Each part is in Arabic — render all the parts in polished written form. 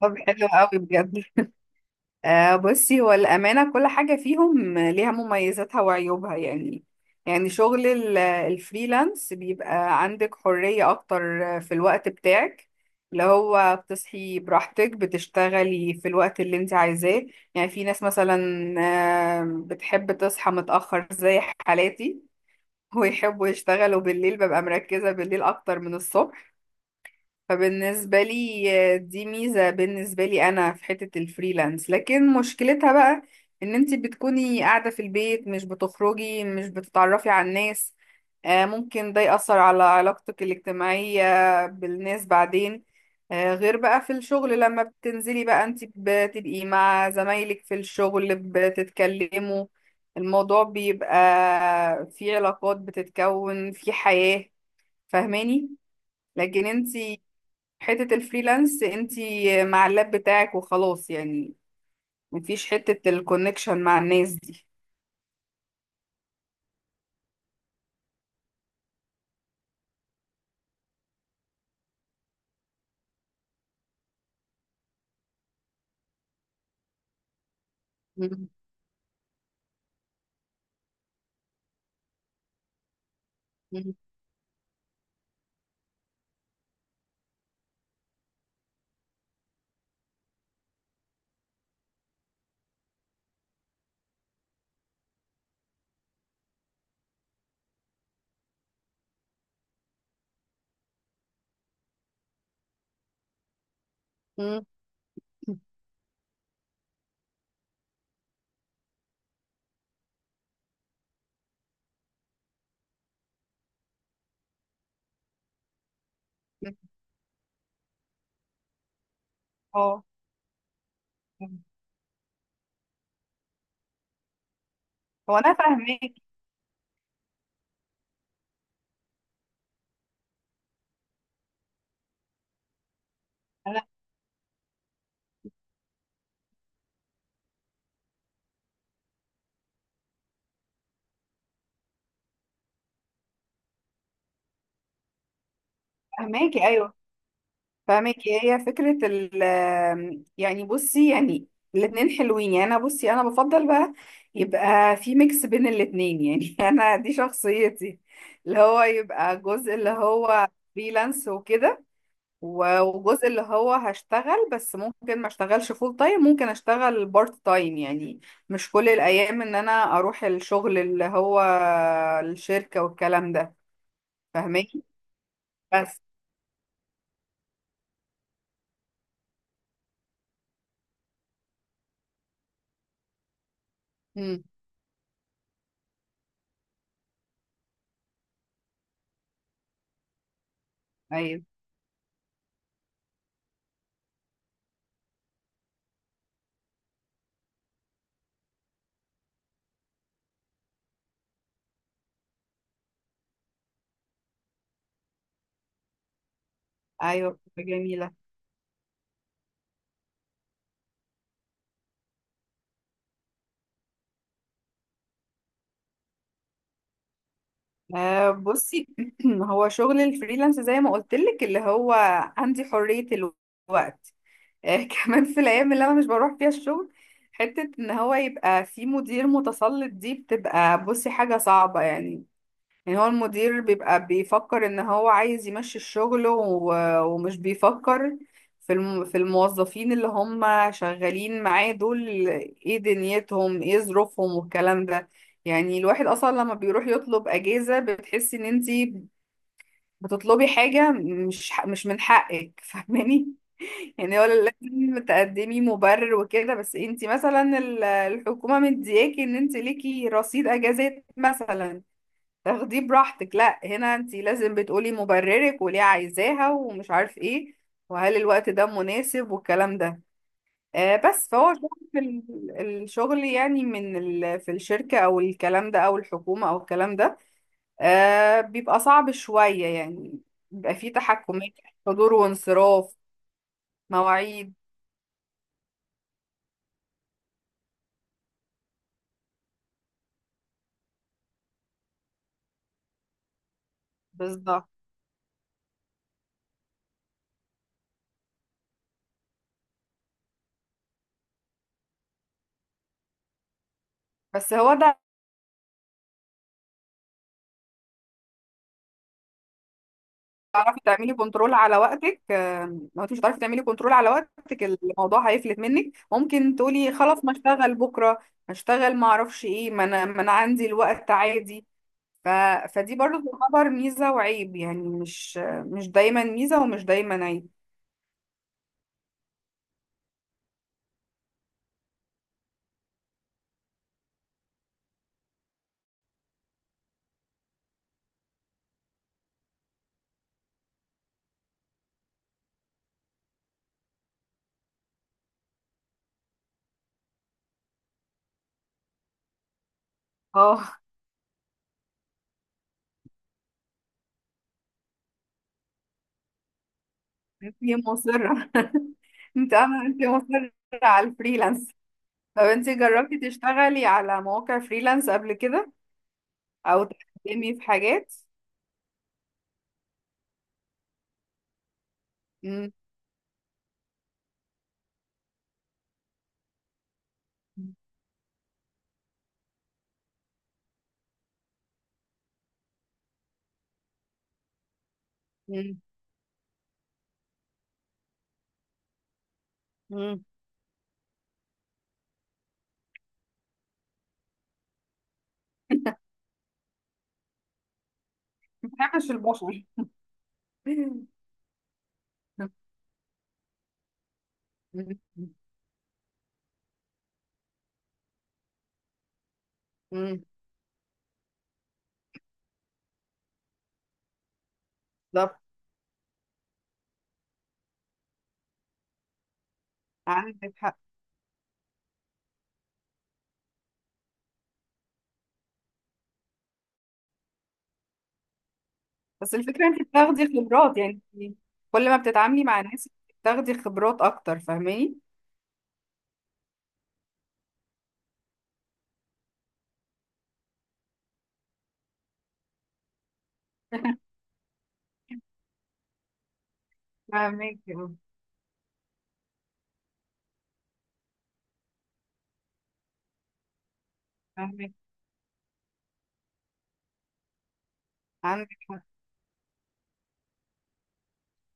طب، حلو قوي بجد. آه، بصي، هو الأمانة كل حاجة فيهم ليها مميزاتها وعيوبها يعني. يعني شغل الفريلانس بيبقى عندك حرية أكتر في الوقت بتاعك، اللي هو بتصحي براحتك، بتشتغلي في الوقت اللي انت عايزاه. يعني في ناس مثلا، بتحب تصحى متأخر زي حالاتي، ويحبوا يشتغلوا بالليل، ببقى مركزة بالليل أكتر من الصبح. فبالنسبة لي، دي ميزة بالنسبة لي أنا في حتة الفريلانس. لكن مشكلتها بقى إن أنتي بتكوني قاعدة في البيت، مش بتخرجي، مش بتتعرفي على الناس. ممكن ده يأثر على علاقتك الاجتماعية بالناس بعدين. غير بقى في الشغل لما بتنزلي بقى، أنتي بتبقي مع زمايلك في الشغل، بتتكلموا، الموضوع بيبقى في علاقات، بتتكون في حياة. فاهماني؟ لكن انت حتة الفريلانس انتي مع اللاب بتاعك وخلاص يعني، مفيش حتة الكونكشن مع الناس دي. مم. مم. مم. اه، هو انا فاهماكي، انا فاهماكي، ايوه فاهماكي. هي فكرة يعني، بصي، يعني الاتنين حلوين يعني. انا، بصي، انا بفضل بقى يبقى في ميكس بين الاتنين يعني. انا دي شخصيتي، اللي هو يبقى جزء اللي هو فريلانس وكده، وجزء اللي هو هشتغل. بس ممكن ما اشتغلش فول تايم، ممكن اشتغل بارت تايم يعني، مش كل الايام ان انا اروح الشغل، اللي هو الشركة والكلام ده. فاهماني؟ بس امم، ايوه، ايوه، فكرة جميلة. آه، بصي، هو شغل الفريلانس زي ما قلت لك اللي هو عندي حرية الوقت. آه كمان في الايام اللي انا مش بروح فيها الشغل. حتة ان هو يبقى في مدير متسلط، دي بتبقى، بصي، حاجة صعبة يعني. يعني هو المدير بيبقى بيفكر ان هو عايز يمشي الشغل، ومش بيفكر في الموظفين اللي هم شغالين معاه دول، ايه دنيتهم، ايه ظروفهم، والكلام ده. يعني الواحد اصلا لما بيروح يطلب اجازة بتحسي ان انتي بتطلبي حاجة مش من حقك. فاهماني؟ يعني هو لازم تقدمي مبرر وكده، بس انتي مثلا الحكومة مدياكي ان انتي ليكي رصيد اجازات مثلا تاخديه براحتك. لا، هنا انت لازم بتقولي مبررك وليه عايزاها ومش عارف ايه، وهل الوقت ده مناسب، والكلام ده. بس فهو شغل في الشغل يعني في الشركة او الكلام ده او الحكومة او الكلام ده. بيبقى صعب شوية يعني، بيبقى فيه تحكمات، حضور وانصراف، مواعيد. بالظبط، بس هو ده، تعرفي تعملي كنترول على وقتك. لو انت مش هتعرفي تعملي كنترول على وقتك، الموضوع هيفلت منك، ممكن تقولي خلاص ما اشتغل بكره، ما اشتغل، ما اعرفش ايه، ما انا عندي الوقت عادي. ف... فدي برضو تعتبر ميزه وعيب يعني، مش دايما ميزه ومش دايما عيب. اه، انت مصره. انت مصره على الفريلانس. طب، انت جربتي تشتغلي على مواقع فريلانس قبل كده او تقدمي في حاجات؟ مم. مم. مم. ما بحبش البشر. مم، بالظبط، عندك حق. بس الفكرة انت بتاخدي خبرات يعني، انت كل ما بتتعاملي مع ناس بتاخدي خبرات اكتر، فاهماني؟ فاهمك، فاهمك، عندك حق.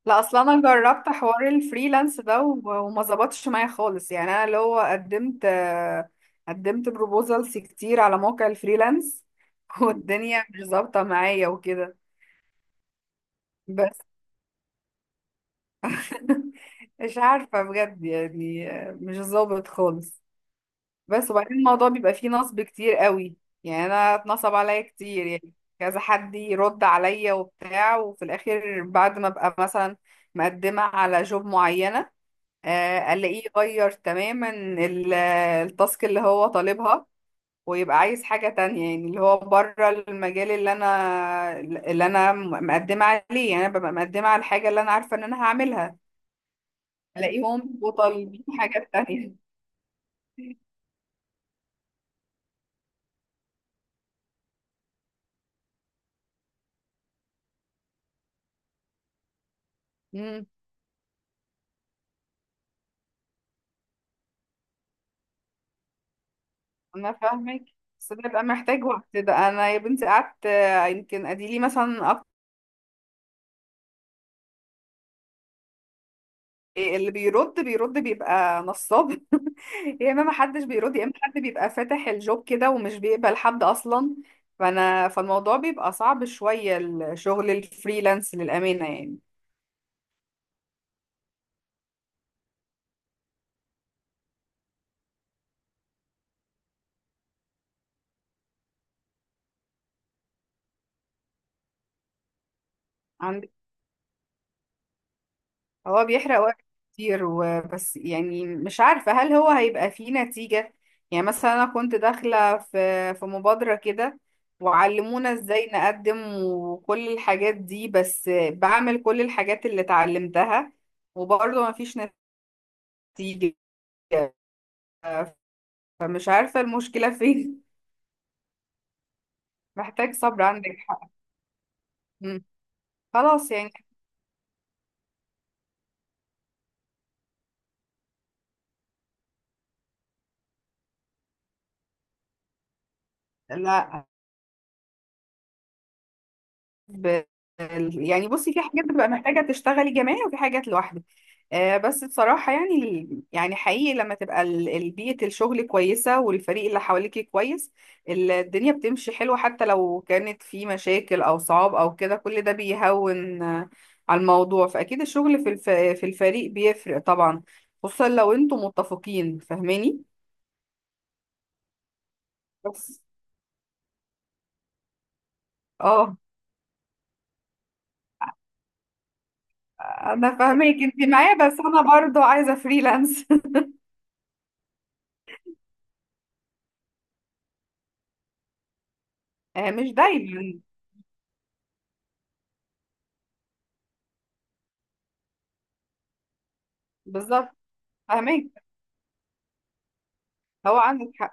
لا، اصلا انا جربت حوار الفريلانس ده وما ظبطش معايا خالص يعني. انا اللي هو قدمت، قدمت بروبوزلز كتير على موقع الفريلانس. والدنيا مش ظابطة معايا وكده. بس مش عارفة بجد يعني، مش ظابط خالص. بس وبعدين، الموضوع بيبقى فيه نصب كتير قوي، يعني انا اتنصب عليا كتير يعني. كذا حد يرد عليا وبتاع، وفي الاخر بعد ما ابقى مثلا مقدمة على جوب معينة، الاقيه يغير تماما التاسك اللي هو طالبها، ويبقى عايز حاجة تانية يعني، اللي هو بره المجال اللي انا مقدمة عليه. يعني انا ببقى مقدمة على الحاجة اللي انا عارفة ان انا هعملها، الاقيهم وطالبين حاجات تانية. انا فاهمك، بس ده بيبقى محتاج وقت. ده انا يا بنتي قعدت، يمكن اديلي مثلا اللي بيرد بيرد بيبقى نصاب. يا اما ما حدش بيرد، يا اما حد بيبقى فاتح الجوب كده ومش بيقبل حد اصلا. فالموضوع بيبقى صعب شوية، الشغل الفريلانس، للأمانة يعني. هو بيحرق وقت كتير وبس، يعني مش عارفة هل هو هيبقى فيه نتيجة. يعني مثلا أنا كنت داخلة في مبادرة كده، وعلمونا ازاي نقدم وكل الحاجات دي، بس بعمل كل الحاجات اللي اتعلمتها وبرضه مفيش نتيجة. فمش عارفة المشكلة فين. محتاج صبر، عندك حق. مم. خلاص يعني. لا ب... يعني، بصي، في حاجات بتبقى محتاجة تشتغلي جماعي وفي حاجات لوحدك. بس بصراحة يعني، يعني حقيقي لما تبقى بيئة الشغل كويسة والفريق اللي حواليكي كويس، الدنيا بتمشي حلوة، حتى لو كانت في مشاكل أو صعاب أو كده كل ده بيهون على الموضوع. فأكيد الشغل في الفريق بيفرق طبعا، خصوصا لو انتم متفقين، فاهماني؟ بس، اه، انا فاهمك، انت معايا، بس انا برضو عايزة فريلانس. مش دايما. بالظبط، فاهمك، هو عندك حق.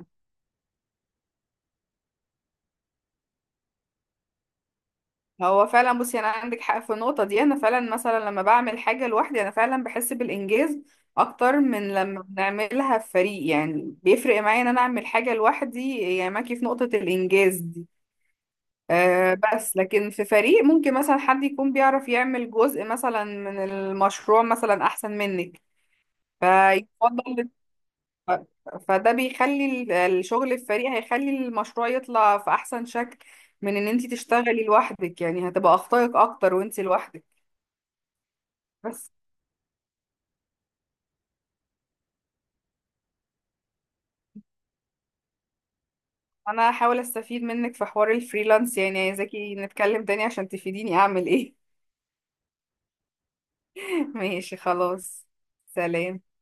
هو فعلا، بصي، انا عندك حق في النقطه دي. انا فعلا مثلا لما بعمل حاجه لوحدي انا فعلا بحس بالانجاز اكتر من لما بنعملها في فريق، يعني بيفرق معايا ان انا اعمل حاجه لوحدي، يعني معاكي في نقطه الانجاز دي. أه، بس لكن في فريق ممكن مثلا حد يكون بيعرف يعمل جزء مثلا من المشروع مثلا احسن منك فيفضل، ف- فده بيخلي الشغل الفريق هيخلي المشروع يطلع في احسن شكل من ان انت تشتغلي لوحدك. يعني هتبقى اخطائك اكتر وانت لوحدك. بس انا هحاول استفيد منك في حوار الفريلانس، يعني عايزاكي نتكلم تاني عشان تفيديني اعمل ايه. ماشي، خلاص. سلام.